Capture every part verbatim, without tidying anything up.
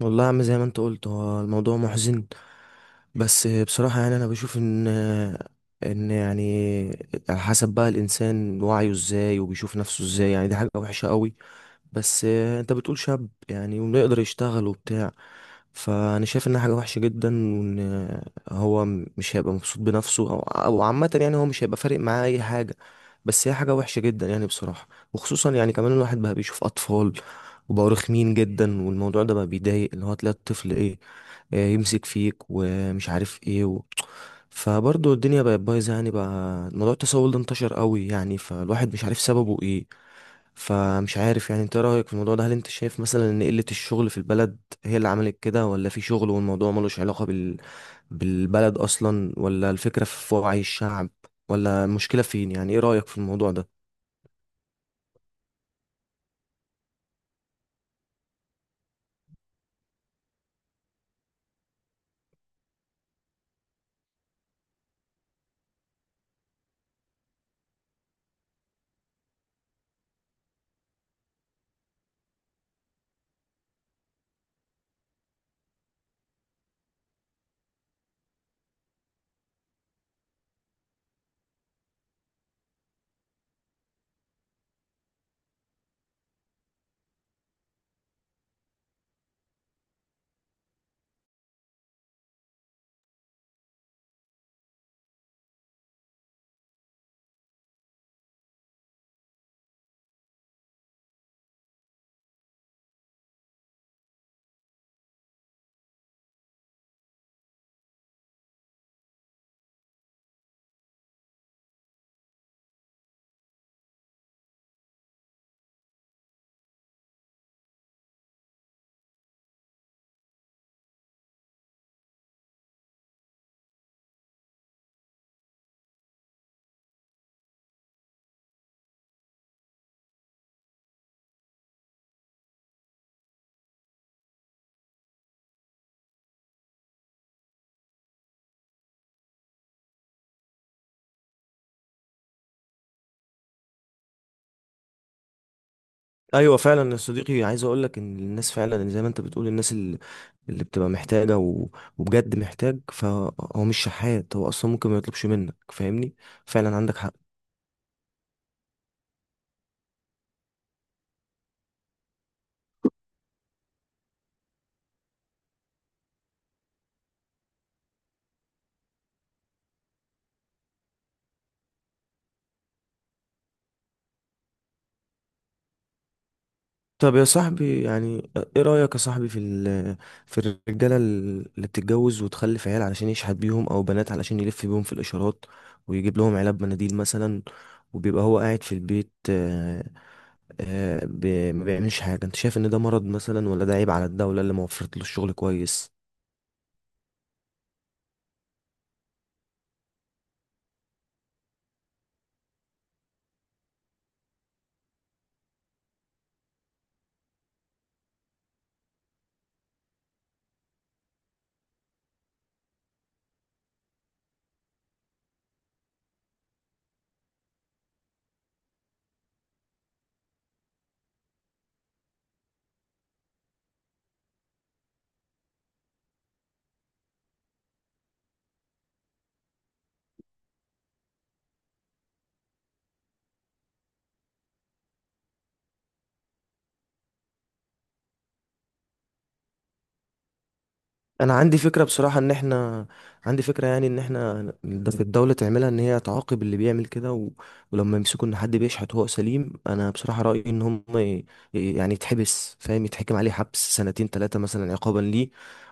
والله يا عم، زي ما انت قلت هو الموضوع محزن. بس بصراحة يعني انا بشوف ان ان يعني على حسب بقى الانسان وعيه ازاي وبيشوف نفسه ازاي. يعني دي حاجة وحشة قوي. بس آه، انت بتقول شاب يعني ويقدر يشتغل وبتاع، فانا شايف انها حاجه وحشه جدا، وان آه، هو م- مش هيبقى مبسوط بنفسه، او او عامه يعني هو مش هيبقى فارق معاه اي حاجه. بس هي حاجه وحشه جدا يعني بصراحه. وخصوصا يعني كمان الواحد بقى بيشوف اطفال وبقوا رخمين جدا، والموضوع ده بقى بيضايق، اللي هو تلاقي الطفل ايه، آه، يمسك فيك ومش عارف ايه و... فبرضه الدنيا بقت بايظه يعني، بقى موضوع التسول ده انتشر قوي يعني، فالواحد مش عارف سببه ايه. فمش عارف يعني انت إيه رأيك في الموضوع ده؟ هل انت شايف مثلا ان قلة الشغل في البلد هي اللي عملت كده، ولا في شغل والموضوع ملوش علاقة بال... بالبلد اصلا، ولا الفكرة في وعي الشعب، ولا المشكلة فين؟ يعني ايه رأيك في الموضوع ده؟ ايوه فعلا يا صديقي، عايز اقول لك ان الناس فعلا زي ما انت بتقول، الناس اللي, اللي بتبقى محتاجة و... وبجد محتاج، فهو مش شحات، هو اصلا ممكن ما يطلبش منك، فاهمني؟ فعلا عندك حق. طب يا صاحبي يعني ايه رأيك يا صاحبي في ال- في الرجالة اللي بتتجوز وتخلف عيال علشان يشحت بيهم، او بنات علشان يلف بيهم في الاشارات ويجيب لهم علب مناديل مثلا، وبيبقى هو قاعد في البيت، آه، آه، ب- ما بيعملش حاجة؟ انت شايف ان ده مرض مثلا، ولا ده عيب على الدولة اللي ما وفرت له الشغل كويس؟ انا عندي فكره بصراحه ان احنا، عندي فكره يعني ان احنا ده في الدوله تعملها، ان هي تعاقب اللي بيعمل كده و... ولما يمسكوا ان حد بيشحت وهو سليم، انا بصراحه رايي ان هم ي... ي- يعني يتحبس، فاهم؟ يتحكم عليه حبس سنتين ثلاثه مثلا عقابا ليه،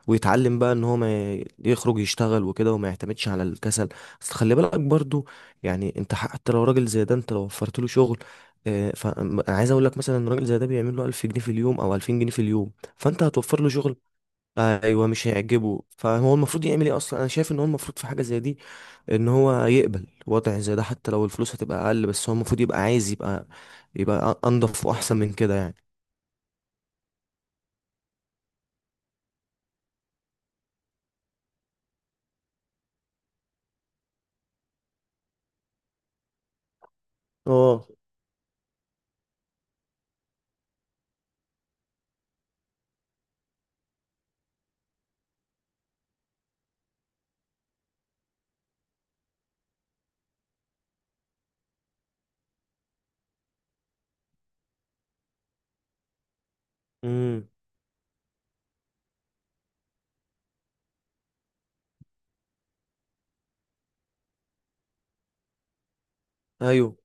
ويتعلم بقى ان هو ما ي- يخرج يشتغل وكده، وما يعتمدش على الكسل. بس خلي بالك برضو، يعني انت حتى لو راجل زي ده، انت لو وفرت له شغل، آه، فانا عايز اقول لك مثلا ان راجل زي ده بيعمل له ألف جنيه في اليوم او ألفين جنيه في اليوم، فانت هتوفر له شغل؟ ايوه مش هيعجبه، فهو المفروض يعمل ايه اصلا؟ انا شايف ان هو المفروض في حاجه زي دي، ان هو يقبل وضع زي ده، حتى لو الفلوس هتبقى اقل، بس هو المفروض يبقى عايز يبقى يبقى انضف واحسن من كده يعني. اه. امم. ايوه،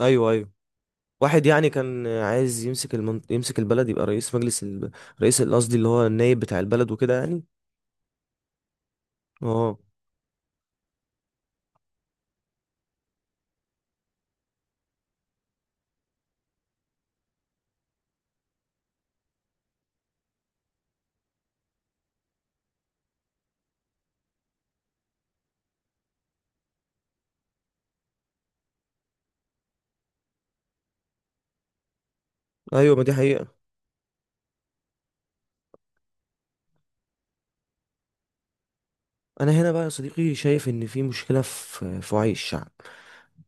ايوه. ايوه، واحد يعني كان عايز يمسك المن... يمسك البلد، يبقى رئيس مجلس ال... رئيس، قصدي اللي هو النائب بتاع البلد وكده يعني. اه. ايوه، ما دي حقيقة. انا هنا بقى يا صديقي شايف ان في مشكلة في في وعي الشعب.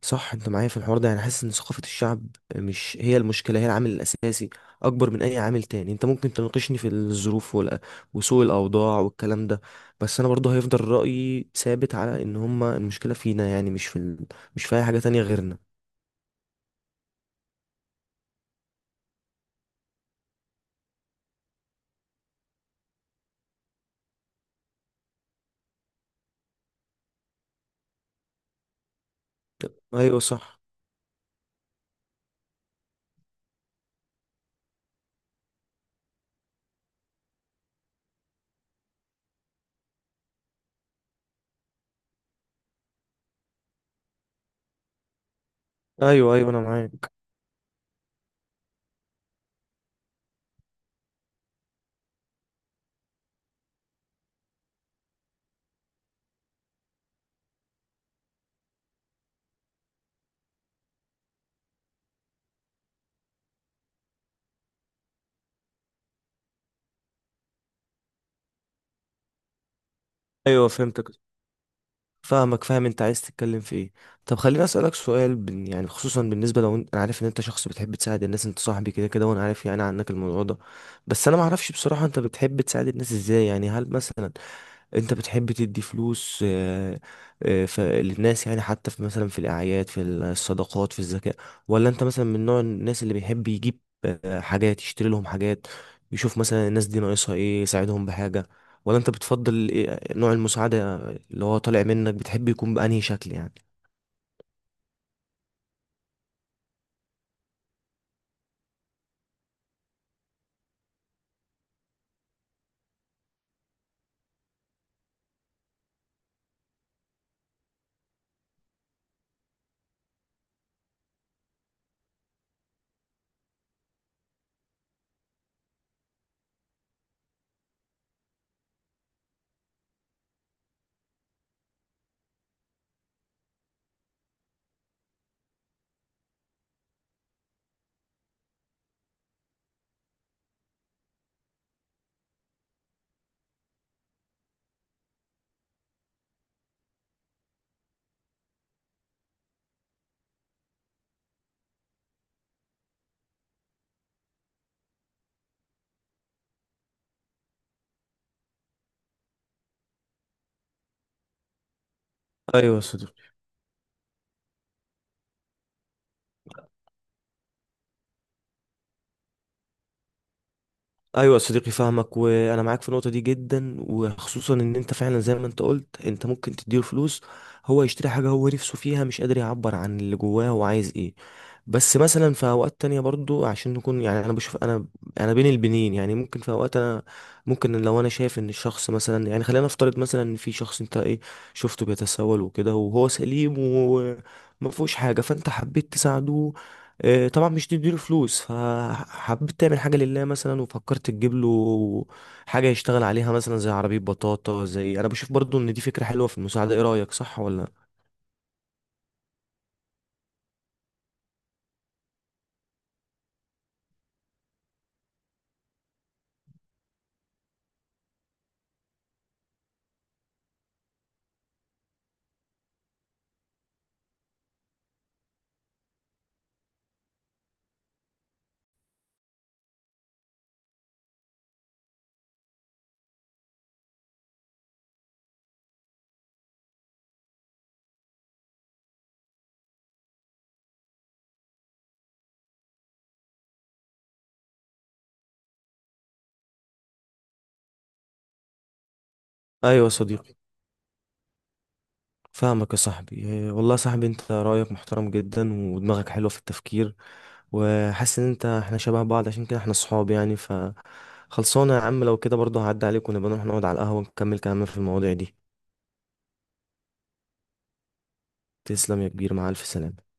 صح؟ انت معايا في الحوار ده يعني؟ حاسس ان ثقافة الشعب مش هي المشكلة، هي العامل الاساسي اكبر من اي عامل تاني. انت ممكن تناقشني في الظروف ولا- وسوء الاوضاع والكلام ده، بس انا برضه هيفضل رأيي ثابت على ان هما المشكلة فينا، يعني مش في ال... مش في اي حاجة تانية غيرنا. ايوه صح. ايوه، ايوه، انا معاك. ايوه فهمتك. فاهمك، فاهم انت عايز تتكلم في ايه. طب خليني اسالك سؤال، بن يعني، خصوصا بالنسبه، لو انت، انا عارف ان انت شخص بتحب تساعد الناس، انت صاحبي كده كده وانا عارف يعني عنك الموضوع ده، بس انا ما اعرفش بصراحه انت بتحب تساعد الناس ازاي يعني؟ هل مثلا انت بتحب تدي فلوس آه، آه، ف- للناس، يعني حتى في مثلا في الاعياد، في الصدقات، في الزكاة؟ ولا انت مثلا من نوع الناس اللي بيحب يجيب آه، حاجات، يشتري لهم حاجات، يشوف مثلا الناس دي ناقصها ايه يساعدهم بحاجة؟ ولا انت بتفضل إيه- نوع المساعدة اللي هو طالع منك بتحب يكون بأنهي شكل يعني؟ ايوه، ايوه يا صديقي، فاهمك وانا معاك في النقطه دي جدا. وخصوصا ان انت فعلا زي ما انت قلت، انت ممكن تديله فلوس هو يشتري حاجه هو نفسه فيها، مش قادر يعبر عن اللي جواه هو عايز ايه. بس مثلا في اوقات تانية برضو، عشان نكون يعني، انا بشوف انا انا بين البنين يعني، ممكن في اوقات انا، ممكن لو انا شايف ان الشخص مثلا، يعني خلينا نفترض مثلا ان في شخص انت ايه، شفته بيتسول وكده وهو سليم وما فيهوش حاجه، فانت حبيت تساعده، آه، طبعا مش تديله فلوس، فحبيت تعمل حاجة لله مثلا، وفكرت تجيب له حاجة يشتغل عليها، مثلا زي عربية بطاطا. زي، أنا بشوف برضو إن دي فكرة حلوة في المساعدة. إيه رأيك، صح ولا لأ؟ أيوة يا صديقي، فاهمك يا صاحبي. آه، والله يا صاحبي أنت رأيك محترم جدا، ودماغك حلوة في التفكير. وحاسس إن أنت إحنا شبه بعض، عشان كده إحنا صحاب يعني. ف خلصانة يا عم، لو كده برضو هعدي عليك، ونبقى نروح نقعد على القهوة ونكمل كلامنا في المواضيع دي. تسلم يا كبير، مع ألف سلامة.